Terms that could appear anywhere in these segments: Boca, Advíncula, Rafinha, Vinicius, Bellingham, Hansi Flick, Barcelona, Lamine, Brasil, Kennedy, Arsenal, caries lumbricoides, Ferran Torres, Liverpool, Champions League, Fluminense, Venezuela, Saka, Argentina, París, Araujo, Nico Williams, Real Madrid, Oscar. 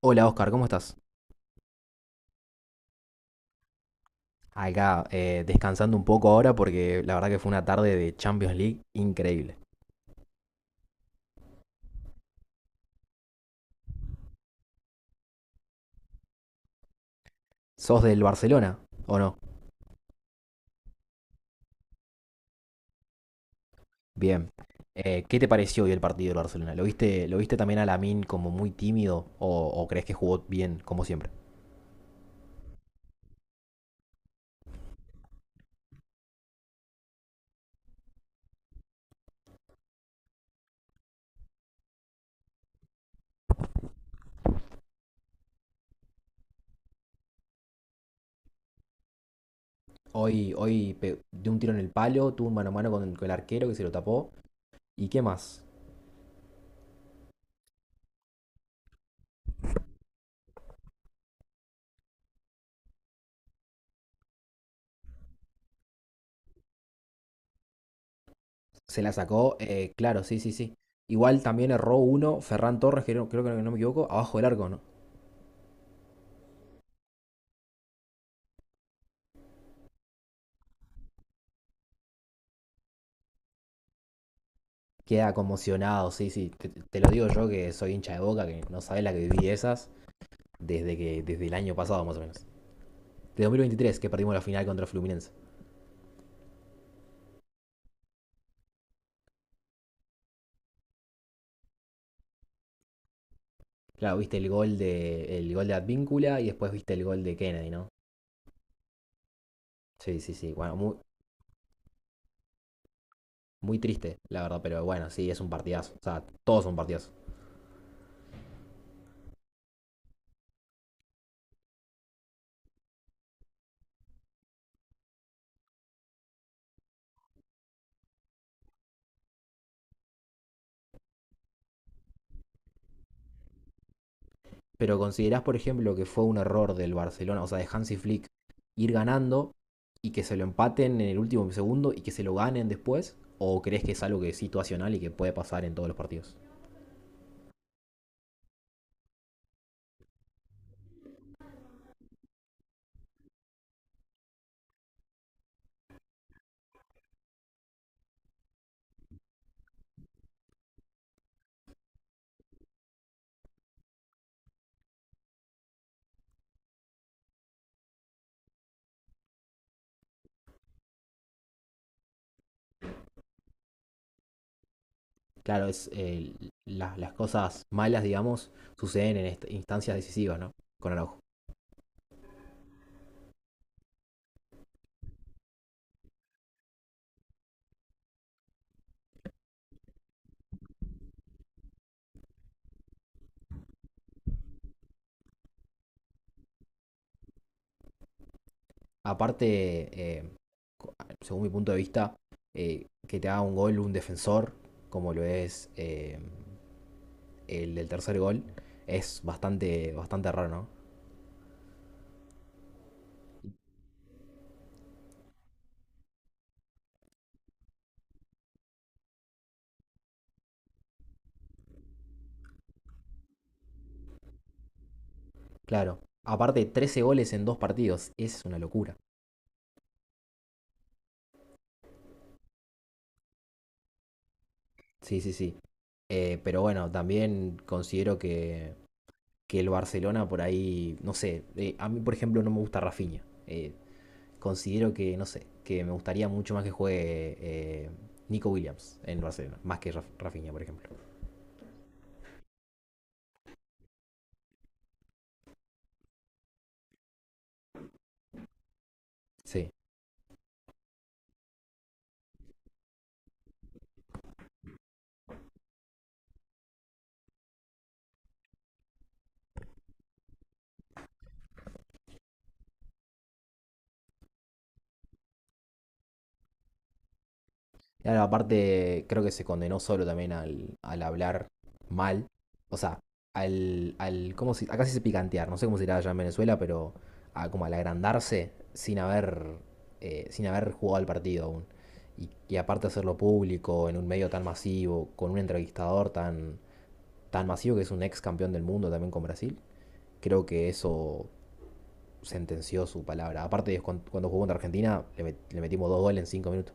Hola Oscar, ¿cómo estás? Acá, descansando un poco ahora porque la verdad que fue una tarde de Champions League increíble. ¿Sos del Barcelona o no? Bien. ¿Qué te pareció hoy el partido del Barcelona? ¿Lo viste también a Lamine como muy tímido o crees que jugó bien como siempre? Dio un tiro en el palo, tuvo un mano a mano con el arquero que se lo tapó. ¿Y qué más? Se la sacó, claro, sí, sí, sí. Igual también erró uno, Ferran Torres, que creo que no me equivoco, abajo del arco, ¿no? Queda conmocionado, sí, sí. Te lo digo yo que soy hincha de Boca, que no sabes la que viví esas desde el año pasado más o menos. De 2023, que perdimos la final contra Fluminense. Claro, viste el gol de Advíncula y después viste el gol de Kennedy, ¿no? Sí, sí, sí. Bueno, muy triste, la verdad, pero bueno, sí, es un partidazo. O sea, todos son partidazo. ¿Pero considerás, por ejemplo, que fue un error del Barcelona, o sea, de Hansi Flick, ir ganando y que se lo empaten en el último segundo y que se lo ganen después? ¿O crees que es algo que es situacional y que puede pasar en todos los partidos? Claro, es las cosas malas, digamos, suceden en instancias decisivas, ¿no? Con Araujo. Aparte, eh, según mi punto de vista, que te haga un gol un defensor, como lo es el del tercer gol, es bastante raro, ¿no? Claro. Aparte, 13 goles en 2 partidos. Es una locura. Sí, sí, sí. Pero bueno, también considero que el Barcelona por ahí, no sé, a mí por ejemplo no me gusta Rafinha. Considero que, no sé, que me gustaría mucho más que juegue eh, Nico Williams en Barcelona, más que Rafinha, por ejemplo. Sí. Claro, aparte, creo que se condenó solo también al hablar mal. O sea, al, al ¿cómo acá sí se dice picantear, no sé cómo se dirá allá en Venezuela, pero como al agrandarse sin haber jugado el partido aún. Y aparte hacerlo público, en un medio tan masivo, con un entrevistador tan masivo que es un ex campeón del mundo también con Brasil, creo que eso sentenció su palabra. Aparte, ellos cuando jugó contra Argentina, le metimos 2 goles en 5 minutos.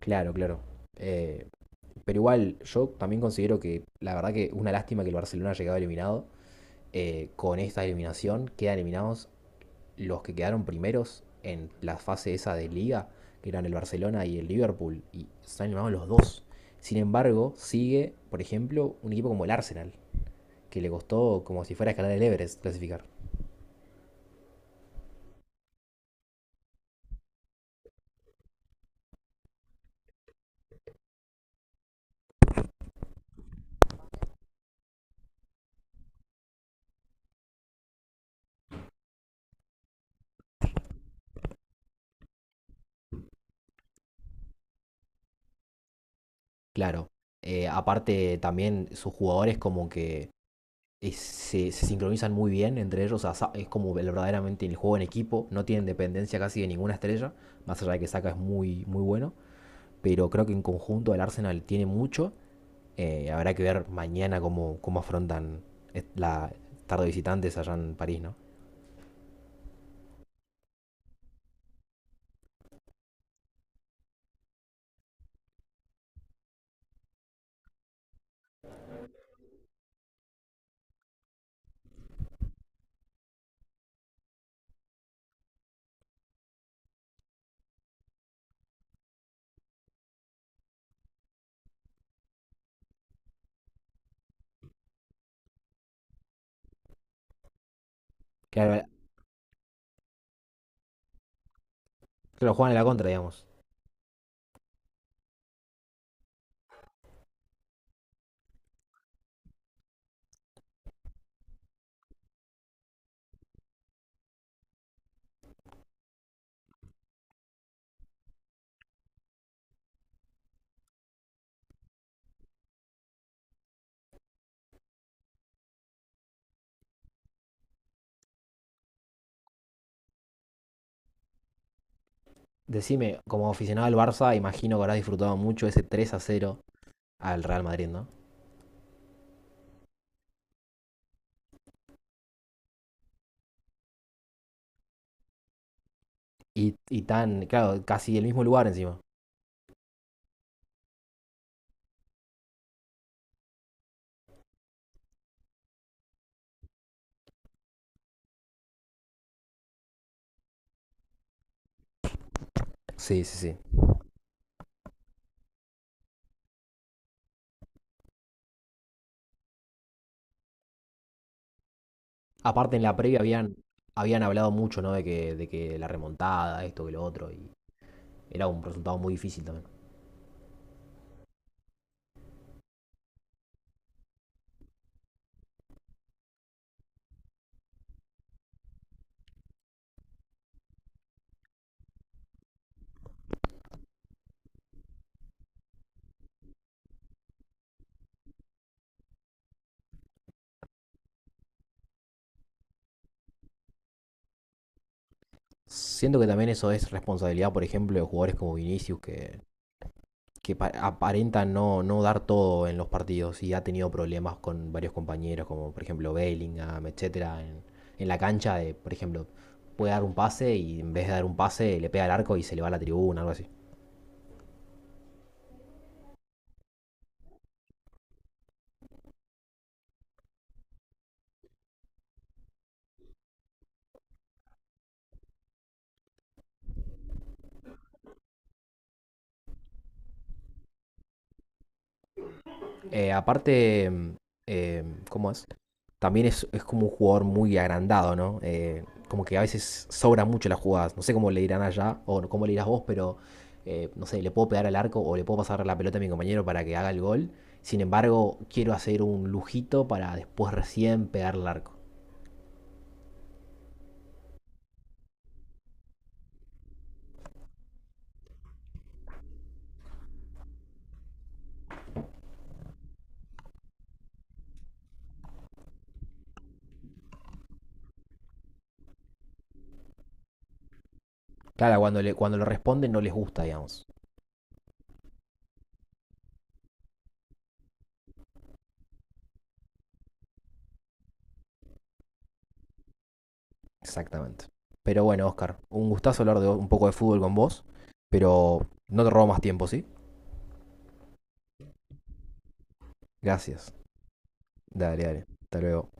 Claro, claro. Eh, Pero igual, yo también considero que la verdad que una lástima que el Barcelona haya quedado eliminado. Con esta eliminación quedan eliminados los que quedaron primeros en la fase esa de liga, que eran el Barcelona y el Liverpool, y están eliminados los dos. Sin embargo, sigue, por ejemplo, un equipo como el Arsenal, que le costó como si fuera a escalar el Everest clasificar. Claro, aparte también sus jugadores como que se sincronizan muy bien entre ellos, o sea, es como verdaderamente el juego en equipo, no tienen dependencia casi de ninguna estrella, más allá de que Saka es muy bueno, pero creo que en conjunto el Arsenal tiene mucho, habrá que ver mañana cómo afrontan la tarde de visitantes allá en París, ¿no? que eh, que lo juegan en la contra, digamos. Decime, como aficionado al Barça, imagino que habrás disfrutado mucho ese 3-0 al Real Madrid, ¿no? Tan, claro, casi el mismo lugar encima. Sí, sí, sí. Aparte, en la previa habían hablado mucho, ¿no? De que la remontada, esto, que lo otro, y era un resultado muy difícil también. Siento que también eso es responsabilidad, por ejemplo, de jugadores como Vinicius, que aparenta no dar todo en los partidos y ha tenido problemas con varios compañeros, como por ejemplo Bellingham, etcétera, en la cancha de, por ejemplo, puede dar un pase y en vez de dar un pase le pega al arco y se le va a la tribuna, algo así. Eh, aparte, eh, ¿Cómo es? También es como un jugador muy agrandado, ¿no? Como que a veces sobran mucho las jugadas. No sé cómo le dirán allá o no, cómo le dirás vos, pero no sé, le puedo pegar al arco o le puedo pasar la pelota a mi compañero para que haga el gol. Sin embargo, quiero hacer un lujito para después recién pegar al arco. Claro, cuando le responden no les gusta, digamos. Exactamente. Pero bueno, Oscar, un gustazo hablar de un poco de fútbol con vos, pero no te robo más tiempo, ¿sí? Gracias. Dale, dale. Hasta luego.